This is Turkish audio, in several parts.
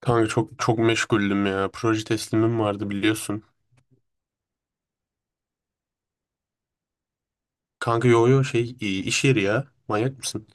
Kanka çok çok meşguldüm ya. Proje teslimim vardı biliyorsun. Kanka yo yo iş yeri ya. Manyak mısın?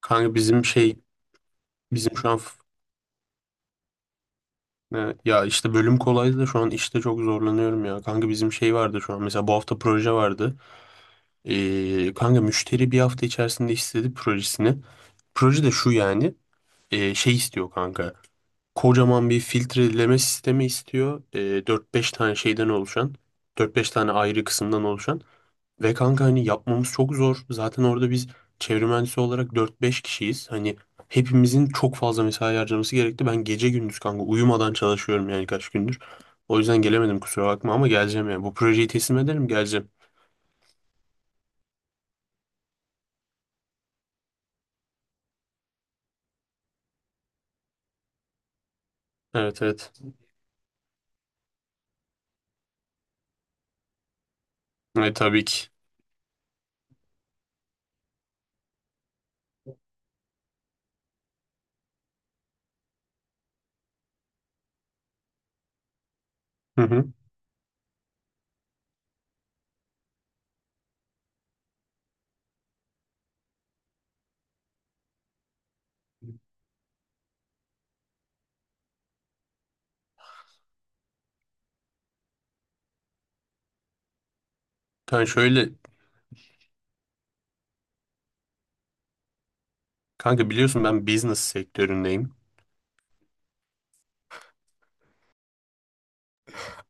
Kanka bizim şey bizim şu an f- e, ya işte bölüm kolaydı da şu an işte çok zorlanıyorum ya. Kanka bizim şey vardı şu an mesela bu hafta proje vardı. Kanka müşteri bir hafta içerisinde istedi projesini. Proje de şu, yani şey istiyor kanka. Kocaman bir filtreleme sistemi istiyor. 4-5 tane şeyden oluşan. Dört beş tane ayrı kısımdan oluşan. Ve kanka hani yapmamız çok zor. Zaten orada biz çevre mühendisi olarak dört beş kişiyiz. Hani hepimizin çok fazla mesai harcaması gerekti. Ben gece gündüz kanka uyumadan çalışıyorum yani kaç gündür. O yüzden gelemedim, kusura bakma ama geleceğim yani. Bu projeyi teslim ederim, geleceğim. Evet, evet. Tabii ki. Hı hı. Kanka şöyle, kanka biliyorsun ben business sektöründeyim.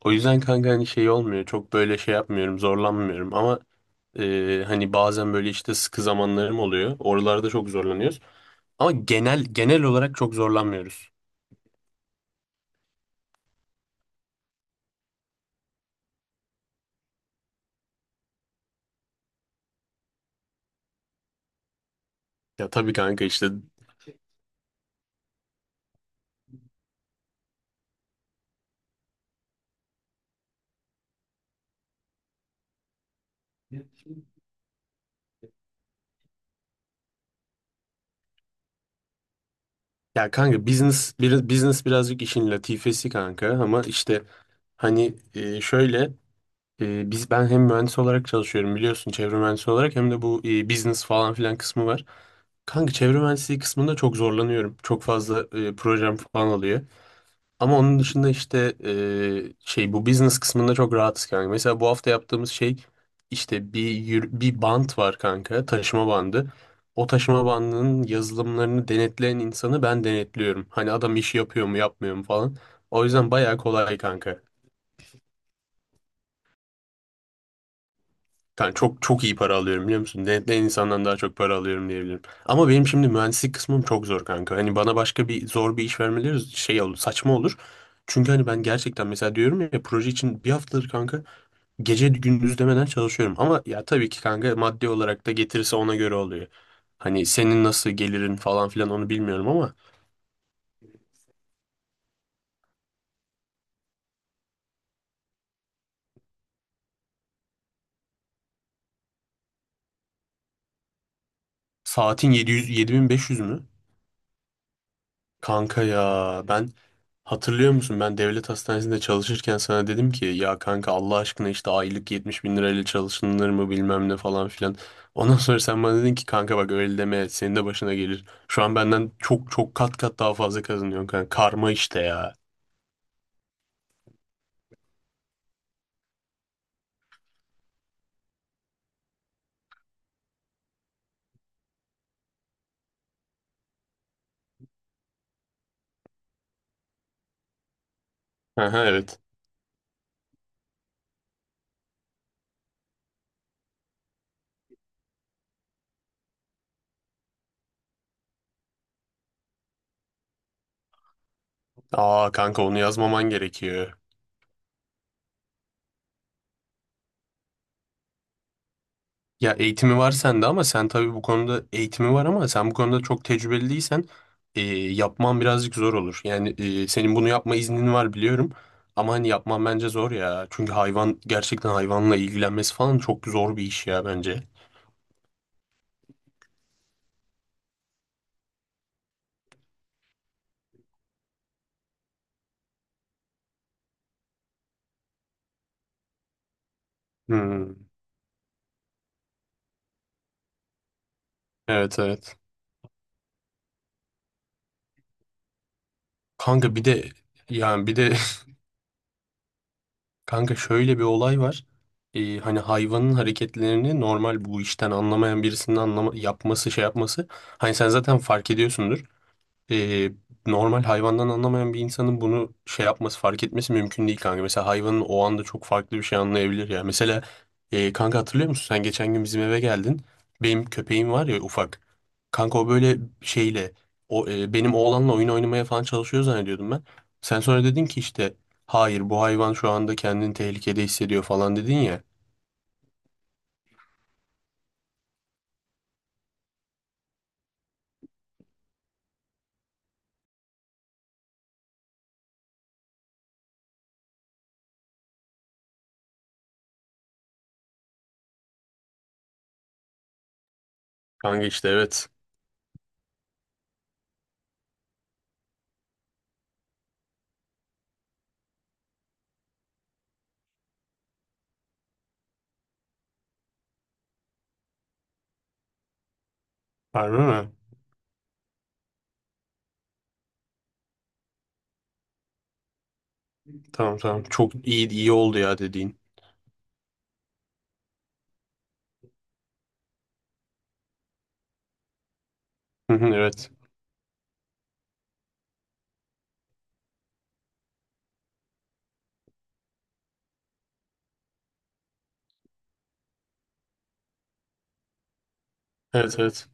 O yüzden kanka hani şey olmuyor. Çok böyle şey yapmıyorum, zorlanmıyorum ama hani bazen böyle işte sıkı zamanlarım oluyor. Oralarda çok zorlanıyoruz. Ama genel olarak çok zorlanmıyoruz. Ya tabii kanka işte, ya kanka business birazcık işin latifesi kanka ama işte hani, şöyle, ben hem mühendis olarak çalışıyorum biliyorsun çevre mühendisi olarak hem de bu business falan filan kısmı var. Kanka çevre mühendisliği kısmında çok zorlanıyorum. Çok fazla projem falan alıyor. Ama onun dışında işte şey bu business kısmında çok rahatız kanka. Mesela bu hafta yaptığımız şey işte bir bant var kanka, taşıma bandı. O taşıma bandının yazılımlarını denetleyen insanı ben denetliyorum. Hani adam işi yapıyor mu, yapmıyor mu falan. O yüzden bayağı kolay kanka. Yani çok çok iyi para alıyorum biliyor musun? Denetleyen insandan daha çok para alıyorum diyebilirim. Ama benim şimdi mühendislik kısmım çok zor kanka. Hani bana başka bir zor bir iş vermeleri şey olur, saçma olur. Çünkü hani ben gerçekten mesela diyorum ya, proje için bir haftadır kanka gece gündüz demeden çalışıyorum ama ya tabii ki kanka maddi olarak da getirirse ona göre oluyor. Hani senin nasıl gelirin falan filan onu bilmiyorum ama saatin 700, 7500 mü? Kanka ya ben, hatırlıyor musun, ben devlet hastanesinde çalışırken sana dedim ki ya kanka Allah aşkına işte aylık 70 bin lirayla çalışılır mı bilmem ne falan filan. Ondan sonra sen bana dedin ki kanka bak, öyle deme, senin de başına gelir. Şu an benden çok çok kat kat daha fazla kazanıyorsun kanka. Karma işte ya. Aha, evet. Aa kanka onu yazmaman gerekiyor. Ya eğitimi var sende ama sen tabii bu konuda eğitimi var ama sen bu konuda çok tecrübeli değilsen e, yapman birazcık zor olur. Yani senin bunu yapma iznin var biliyorum ama hani yapman bence zor ya. Çünkü hayvan gerçekten hayvanla ilgilenmesi falan çok zor bir iş ya bence. Hmm, evet, evet. Kanka bir de, yani bir de Kanka şöyle bir olay var. Hani hayvanın hareketlerini normal bu işten anlamayan birisinin yapması şey yapması. Hani sen zaten fark ediyorsundur, e, normal hayvandan anlamayan bir insanın bunu şey yapması, fark etmesi mümkün değil kanka. Mesela hayvanın o anda çok farklı bir şey anlayabilir ya. Mesela kanka hatırlıyor musun? Sen geçen gün bizim eve geldin. Benim köpeğim var ya, ufak. Kanka o böyle şeyle, o, benim oğlanla oyun oynamaya falan çalışıyor zannediyordum ben. Sen sonra dedin ki işte hayır, bu hayvan şu anda kendini tehlikede hissediyor falan dedin ya. Kanka işte evet. Harbi mi? Tamam, tamam. Çok iyi iyi oldu ya dediğin. Hı hı, evet. Evet, evet.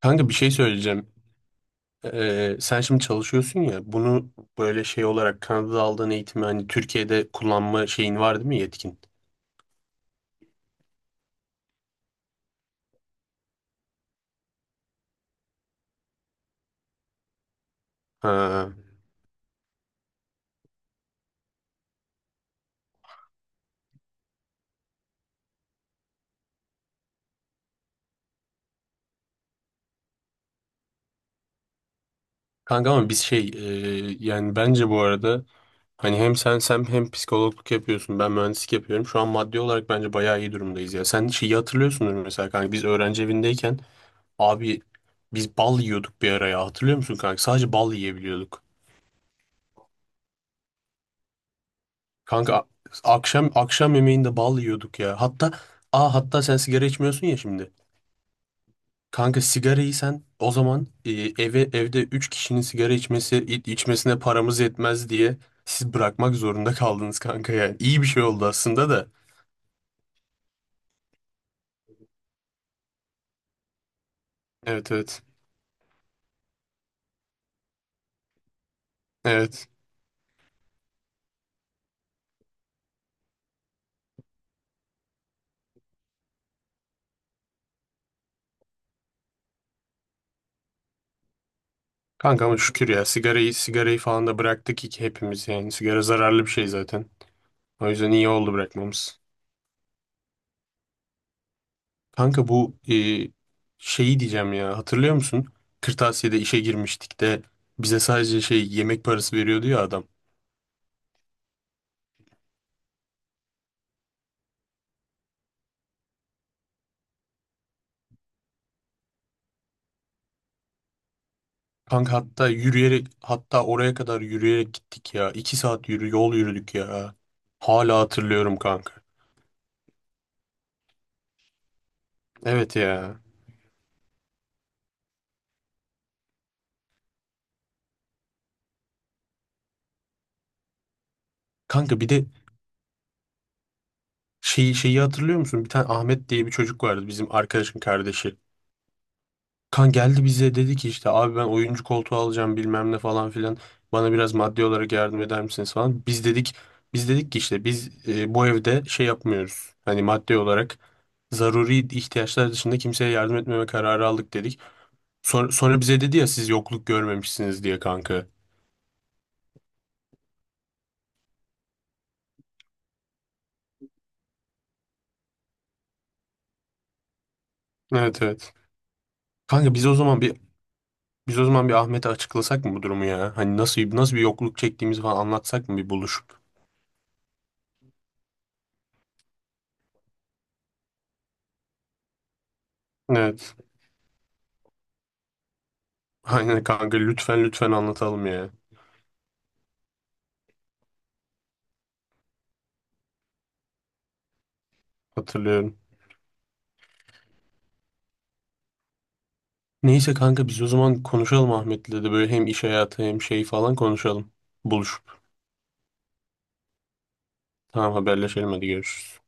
Kanka bir şey söyleyeceğim. Sen şimdi çalışıyorsun ya, bunu böyle şey olarak Kanada'da aldığın eğitimi hani Türkiye'de kullanma şeyin var değil mi, yetkin? Ha. Kanka ama biz şey, yani bence bu arada hani hem sen hem psikologluk yapıyorsun. Ben mühendislik yapıyorum. Şu an maddi olarak bence bayağı iyi durumdayız ya. Sen şeyi hatırlıyorsundur mesela kanka. Biz öğrenci evindeyken abi bal yiyorduk bir araya. Hatırlıyor musun kanka? Sadece bal yiyebiliyorduk. Kanka akşam, akşam yemeğinde bal yiyorduk ya. Hatta aa hatta sen sigara içmiyorsun ya şimdi. Kanka sigarayı sen o zaman, evde 3 kişinin sigara içmesi, içmesine paramız yetmez diye siz bırakmak zorunda kaldınız kanka yani. İyi bir şey oldu aslında da. Evet, evet. Evet. Kanka ama şükür ya, sigarayı falan da bıraktık ki hepimiz, yani sigara zararlı bir şey zaten. O yüzden iyi oldu bırakmamız. Kanka bu, şeyi diyeceğim ya, hatırlıyor musun? Kırtasiye'de işe girmiştik de bize sadece şey yemek parası veriyordu ya adam. Kanka hatta, yürüyerek hatta oraya kadar yürüyerek gittik ya. İki saat yol yürüdük ya. Hala hatırlıyorum kanka. Evet ya. Kanka bir de şeyi hatırlıyor musun? Bir tane Ahmet diye bir çocuk vardı, bizim arkadaşın kardeşi. Kan geldi bize dedi ki işte abi ben oyuncu koltuğu alacağım bilmem ne falan filan. Bana biraz maddi olarak yardım eder misiniz falan? Biz dedik ki işte biz, bu evde şey yapmıyoruz. Hani maddi olarak zaruri ihtiyaçlar dışında kimseye yardım etmeme kararı aldık dedik. Sonra bize dedi ya siz yokluk görmemişsiniz diye kanka. Evet, evet. Kanka biz o zaman bir Ahmet'e açıklasak mı bu durumu ya? Hani nasıl bir yokluk çektiğimizi falan anlatsak mı bir buluşup? Evet. Aynen kanka lütfen, lütfen anlatalım ya. Hatırlıyorum. Neyse kanka biz o zaman konuşalım Ahmet'le de böyle hem iş hayatı hem şey falan konuşalım. Buluşup. Tamam, haberleşelim, hadi görüşürüz.